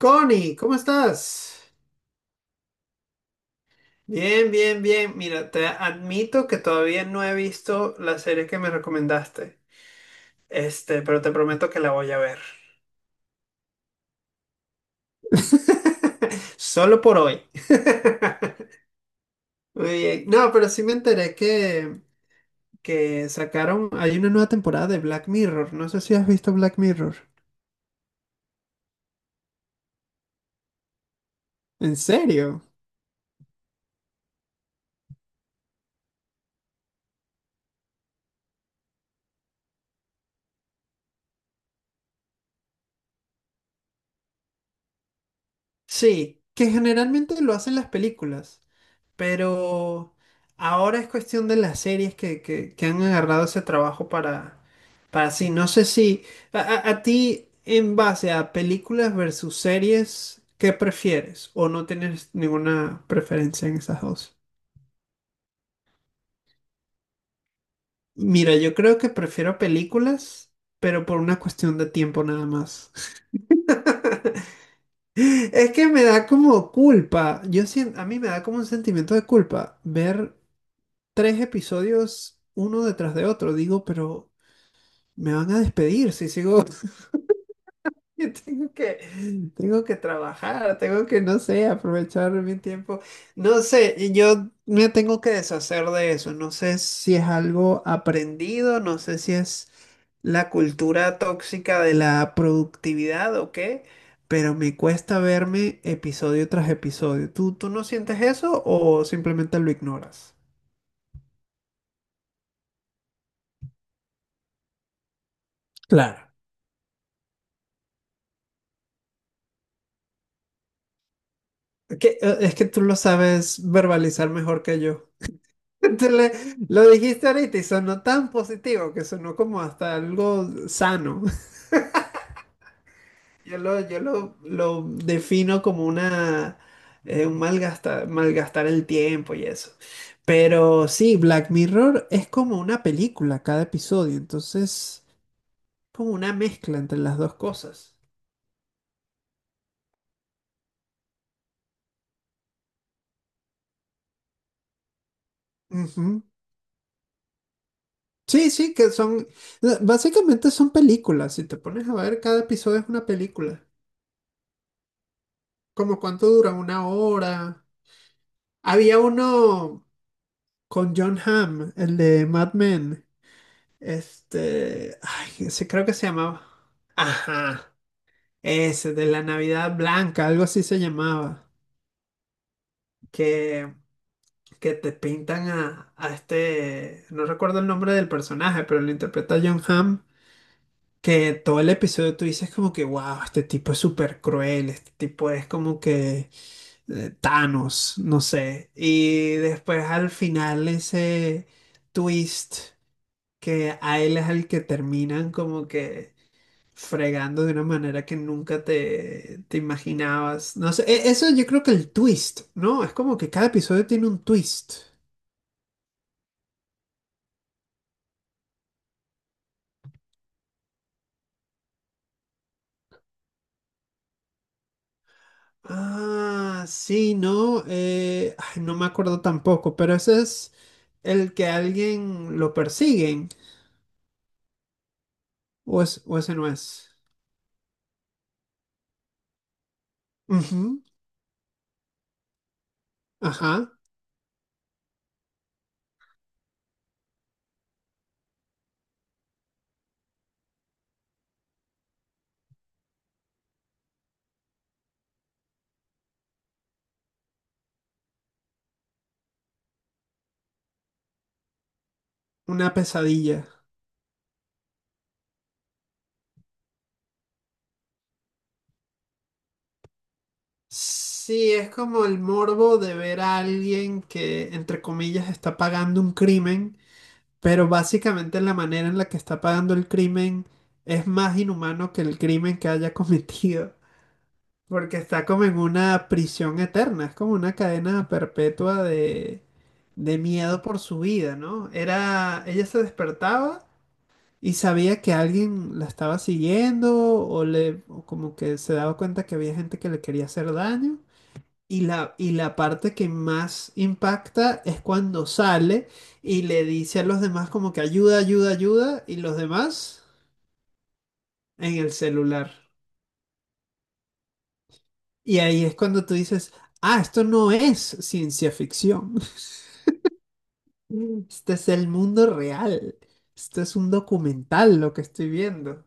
Connie, ¿cómo estás? Bien, bien, bien. Mira, te admito que todavía no he visto la serie que me recomendaste. Pero te prometo que la voy a ver. Solo por hoy. Muy bien. No, pero sí me enteré que sacaron, hay una nueva temporada de Black Mirror. No sé si has visto Black Mirror. ¿En serio? Sí, que generalmente lo hacen las películas. Pero ahora es cuestión de las series que, que han agarrado ese trabajo para sí. No sé si a, a ti, en base a películas versus series, ¿qué prefieres? ¿O no tienes ninguna preferencia en esas dos? Mira, yo creo que prefiero películas, pero por una cuestión de tiempo nada más. Es que me da como culpa. Yo siento, a mí me da como un sentimiento de culpa ver tres episodios uno detrás de otro. Digo, pero me van a despedir si sigo. Yo tengo que trabajar, tengo que, no sé, aprovechar mi tiempo. No sé, y yo me tengo que deshacer de eso. No sé si es algo aprendido, no sé si es la cultura tóxica de la productividad o qué, pero me cuesta verme episodio tras episodio. ¿Tú no sientes eso o simplemente lo ignoras? Claro. Es que tú lo sabes verbalizar mejor que yo. Te le- lo dijiste ahorita y sonó tan positivo que sonó como hasta algo sano. Yo lo defino como un malgastar el tiempo y eso. Pero sí, Black Mirror es como una película cada episodio, entonces como una mezcla entre las dos cosas. Ujú. Sí, sí, básicamente son películas. Si te pones a ver, cada episodio es una película. ¿Como cuánto dura? ¿Una hora? Había uno, con John Hamm, el de Mad Men. Ay, ese creo que se llamaba. Ajá, ese de la Navidad Blanca, algo así se llamaba. Que, que te pintan a este, no recuerdo el nombre del personaje, pero lo interpreta John Hamm. Que todo el episodio tú dices como que, wow, este tipo es súper cruel, este tipo es como que Thanos, no sé. Y después al final ese twist, que a él es al que terminan como que fregando de una manera que nunca te, te imaginabas. No sé, eso yo creo que el twist, ¿no? Es como que cada episodio tiene un twist. Ah, sí, no, ay, no me acuerdo tampoco, pero ese es el que alguien lo persiguen, o ese no es. Ujú, ajá, una pesadilla. Sí, es como el morbo de ver a alguien que, entre comillas, está pagando un crimen. Pero básicamente la manera en la que está pagando el crimen es más inhumano que el crimen que haya cometido, porque está como en una prisión eterna, es como una cadena perpetua de miedo por su vida, ¿no? Era, ella se despertaba y sabía que alguien la estaba siguiendo o le, o como que se daba cuenta que había gente que le quería hacer daño y la parte que más impacta es cuando sale y le dice a los demás como que ayuda, ayuda, ayuda, y los demás en el celular. Y ahí es cuando tú dices, ah, esto no es ciencia ficción. Este es el mundo real. Esto es un documental lo que estoy viendo.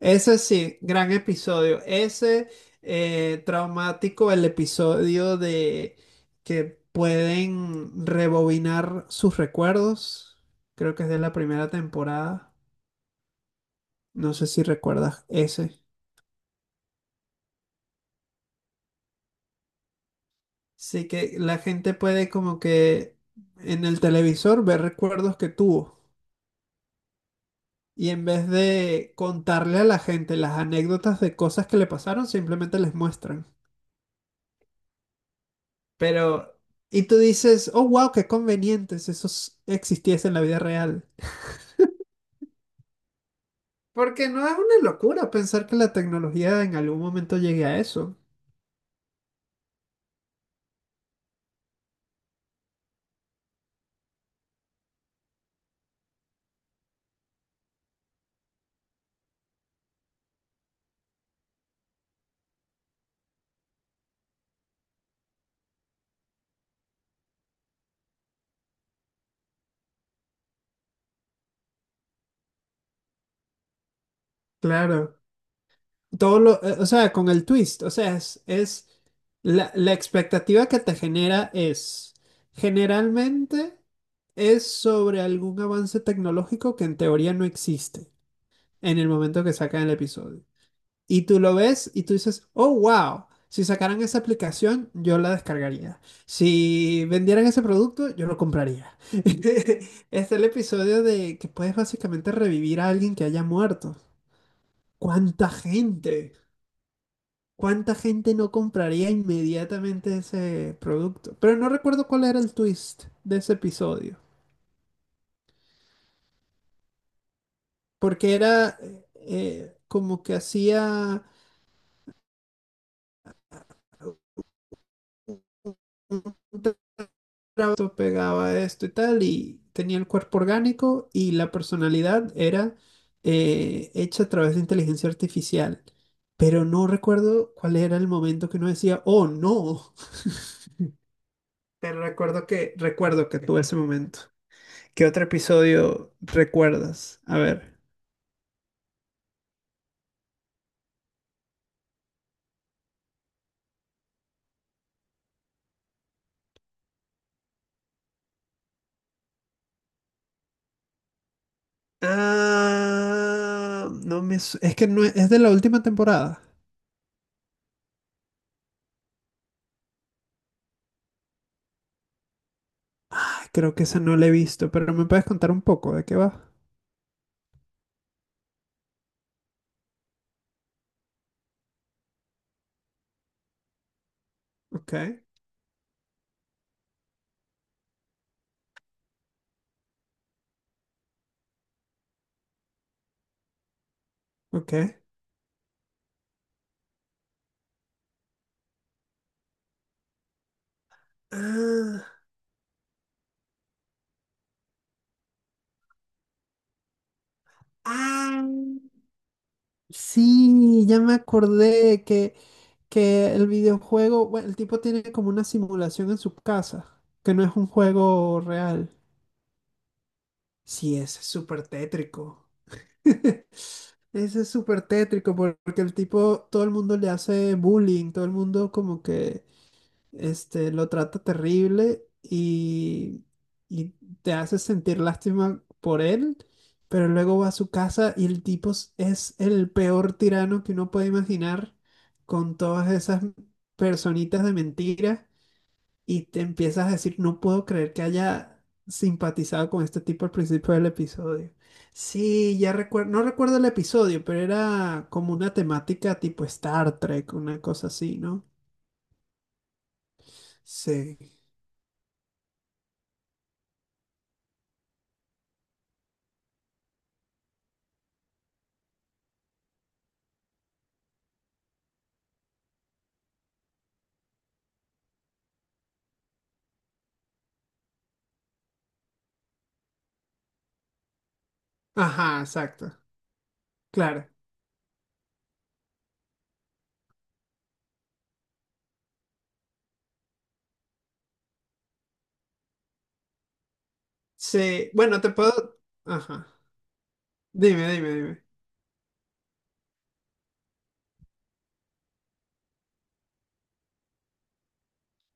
Ese sí, gran episodio. Ese traumático, el episodio de que pueden rebobinar sus recuerdos. Creo que es de la primera temporada. No sé si recuerdas ese. Sí, que la gente puede como que en el televisor ver recuerdos que tuvo. Y en vez de contarle a la gente las anécdotas de cosas que le pasaron, simplemente les muestran. Pero, y tú dices, oh, wow, qué conveniente si eso existiese en la vida real. Porque no es una locura pensar que la tecnología en algún momento llegue a eso. Claro. O sea, con el twist, o sea, es la expectativa que te genera es, generalmente es sobre algún avance tecnológico que en teoría no existe en el momento que sacan el episodio. Y tú lo ves y tú dices, oh, wow, si sacaran esa aplicación, yo la descargaría. Si vendieran ese producto, yo lo compraría. Este es el episodio de que puedes básicamente revivir a alguien que haya muerto. ¿Cuánta gente? ¿Cuánta gente no compraría inmediatamente ese producto? Pero no recuerdo cuál era el twist de ese episodio, porque era como que hacía un esto, pegaba esto y tal, y tenía el cuerpo orgánico y la personalidad era hecha a través de inteligencia artificial. Pero no recuerdo cuál era el momento que uno decía, oh no, pero recuerdo que tuve ese momento. ¿Qué otro episodio recuerdas? A ver. Ah, no me... su- es que no es de la última temporada. Ah, creo que esa no la he visto, pero me puedes contar un poco de qué va. Ok, ok. Ah, ah, sí, ya me acordé que, el videojuego, bueno, el tipo tiene como una simulación en su casa, que no es un juego real. Sí, ese es súper tétrico. Ese es súper tétrico porque el tipo, todo el mundo le hace bullying, todo el mundo como que lo trata terrible y te hace sentir lástima por él, pero luego va a su casa y el tipo es el peor tirano que uno puede imaginar con todas esas personitas de mentira y te empiezas a decir, no puedo creer que haya simpatizado con este tipo al principio del episodio. Sí, ya recuerdo, no recuerdo el episodio, pero era como una temática tipo Star Trek, una cosa así, ¿no? Sí. Ajá, exacto. Claro. Sí, bueno, te puedo. Ajá. Dime, dime, dime.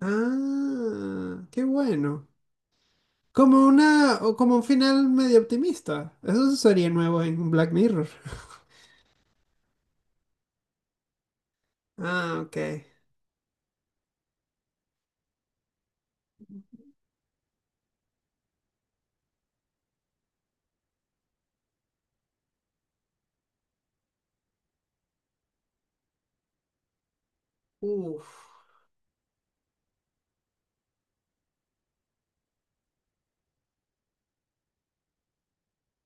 Ah, qué bueno. Como una, o como un final medio optimista. Eso sería nuevo en Black Mirror. Ah, ok. Uf.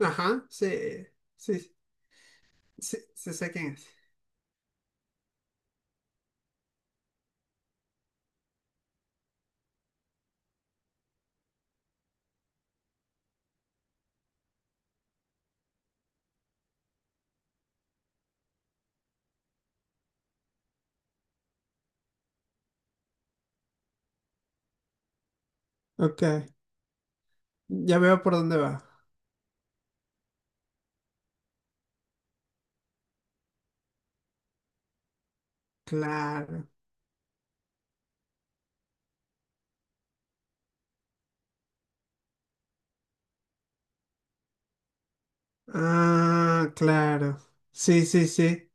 Ajá, sí. Sí, sí, sí sé quién es. Ok. Ya veo por dónde va. Claro. Ah, claro. Sí, sí, sí.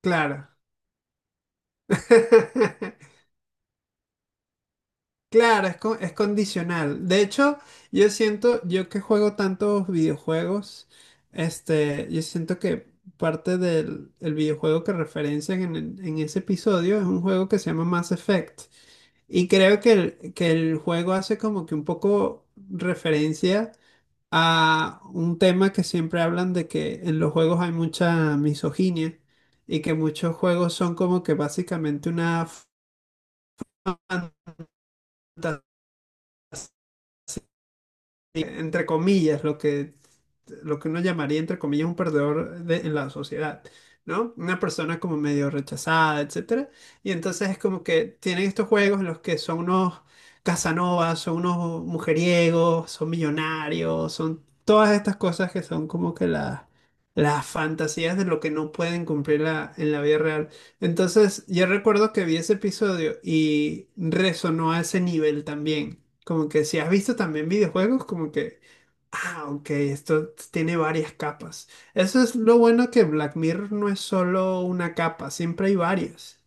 Claro. Claro, es condicional. De hecho, yo siento, yo que juego tantos videojuegos, yo siento que parte del el videojuego que referencian en ese episodio es un juego que se llama Mass Effect. Y creo que el juego hace como que un poco referencia a un tema que siempre hablan de que en los juegos hay mucha misoginia y que muchos juegos son como que básicamente una fantasía. Sí, entre comillas, lo que, uno llamaría, entre comillas, un perdedor en la sociedad, ¿no? Una persona como medio rechazada, etcétera. Y entonces es como que tienen estos juegos en los que son unos Casanovas, son unos mujeriegos, son millonarios, son todas estas cosas que son como que las fantasías de lo que no pueden cumplir en la vida real. Entonces, yo recuerdo que vi ese episodio y resonó a ese nivel también. Como que si has visto también videojuegos, como que, ah, ok, esto tiene varias capas. Eso es lo bueno que Black Mirror no es solo una capa, siempre hay varias.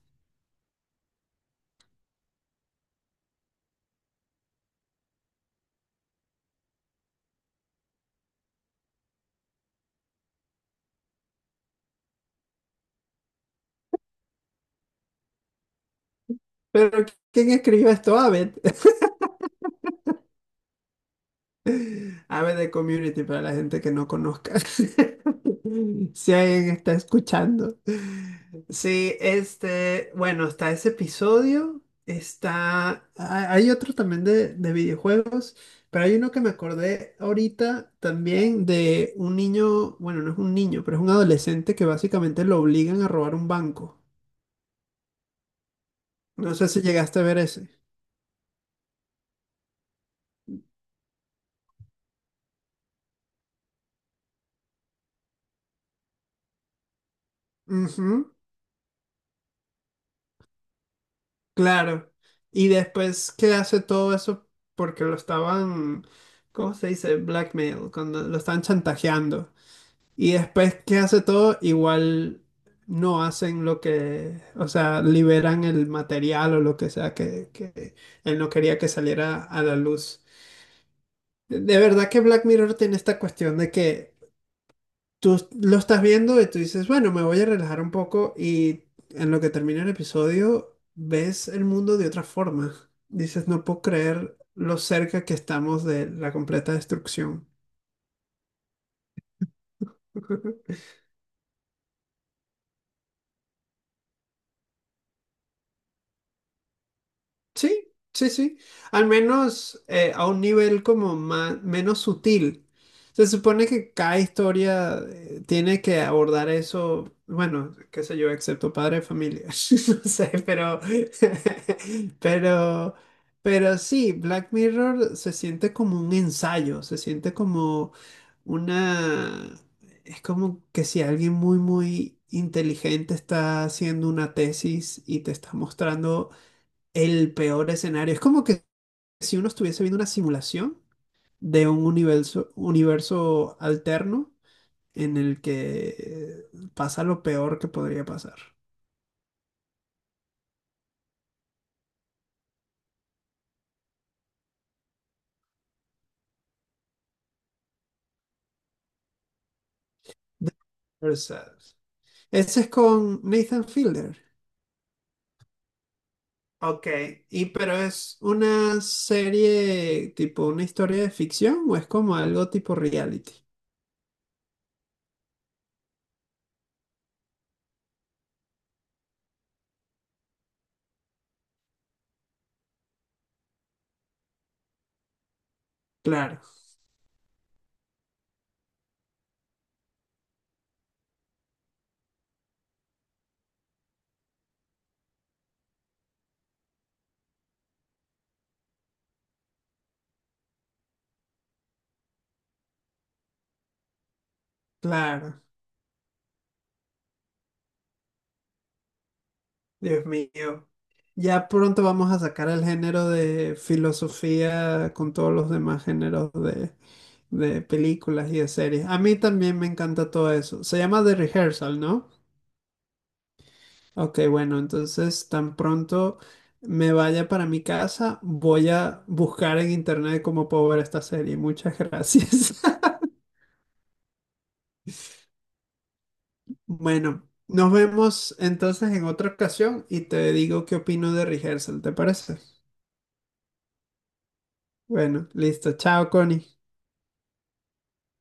Pero ¿quién escribió esto? Abed. Abed de Community, para la gente que no conozca. Si alguien está escuchando. Sí, bueno, está ese episodio, hay otro también de videojuegos, pero hay uno que me acordé ahorita también de un niño, bueno, no es un niño, pero es un adolescente que básicamente lo obligan a robar un banco. No sé si llegaste a ver ese. Ujú, claro. Y después que hace todo eso porque lo estaban, ¿cómo se dice? Blackmail, cuando lo estaban chantajeando. Y después que hace todo, igual no hacen lo que, o sea, liberan el material o lo que sea que él no quería que saliera a la luz. De verdad que Black Mirror tiene esta cuestión de que tú lo estás viendo y tú dices, bueno, me voy a relajar un poco y en lo que termina el episodio ves el mundo de otra forma. Dices, no puedo creer lo cerca que estamos de la completa destrucción. Sí, sí, sí. Al menos a un nivel como más, menos sutil. Se supone que cada historia tiene que abordar eso, bueno, qué sé yo, excepto padre de familia. No sé, pero, pero, pero sí, Black Mirror se siente como un ensayo, se siente como una, es como que si alguien muy, muy inteligente está haciendo una tesis y te está mostrando el peor escenario. Es como que si uno estuviese viendo una simulación de un universo alterno en el que pasa lo peor que podría pasar. The Other Side. Ese es con Nathan Fielder. Ok, y pero es una serie tipo una historia de ficción o es como algo tipo reality. Claro, claro. Dios mío. Ya pronto vamos a sacar el género de filosofía con todos los demás géneros de películas y de series. A mí también me encanta todo eso. Se llama The Rehearsal, ¿no? Ok, bueno, entonces tan pronto me vaya para mi casa, voy a buscar en internet cómo puedo ver esta serie. Muchas gracias. Bueno, nos vemos entonces en otra ocasión y te digo qué opino de Rehearsal, ¿te parece? Bueno, listo. Chao, Connie.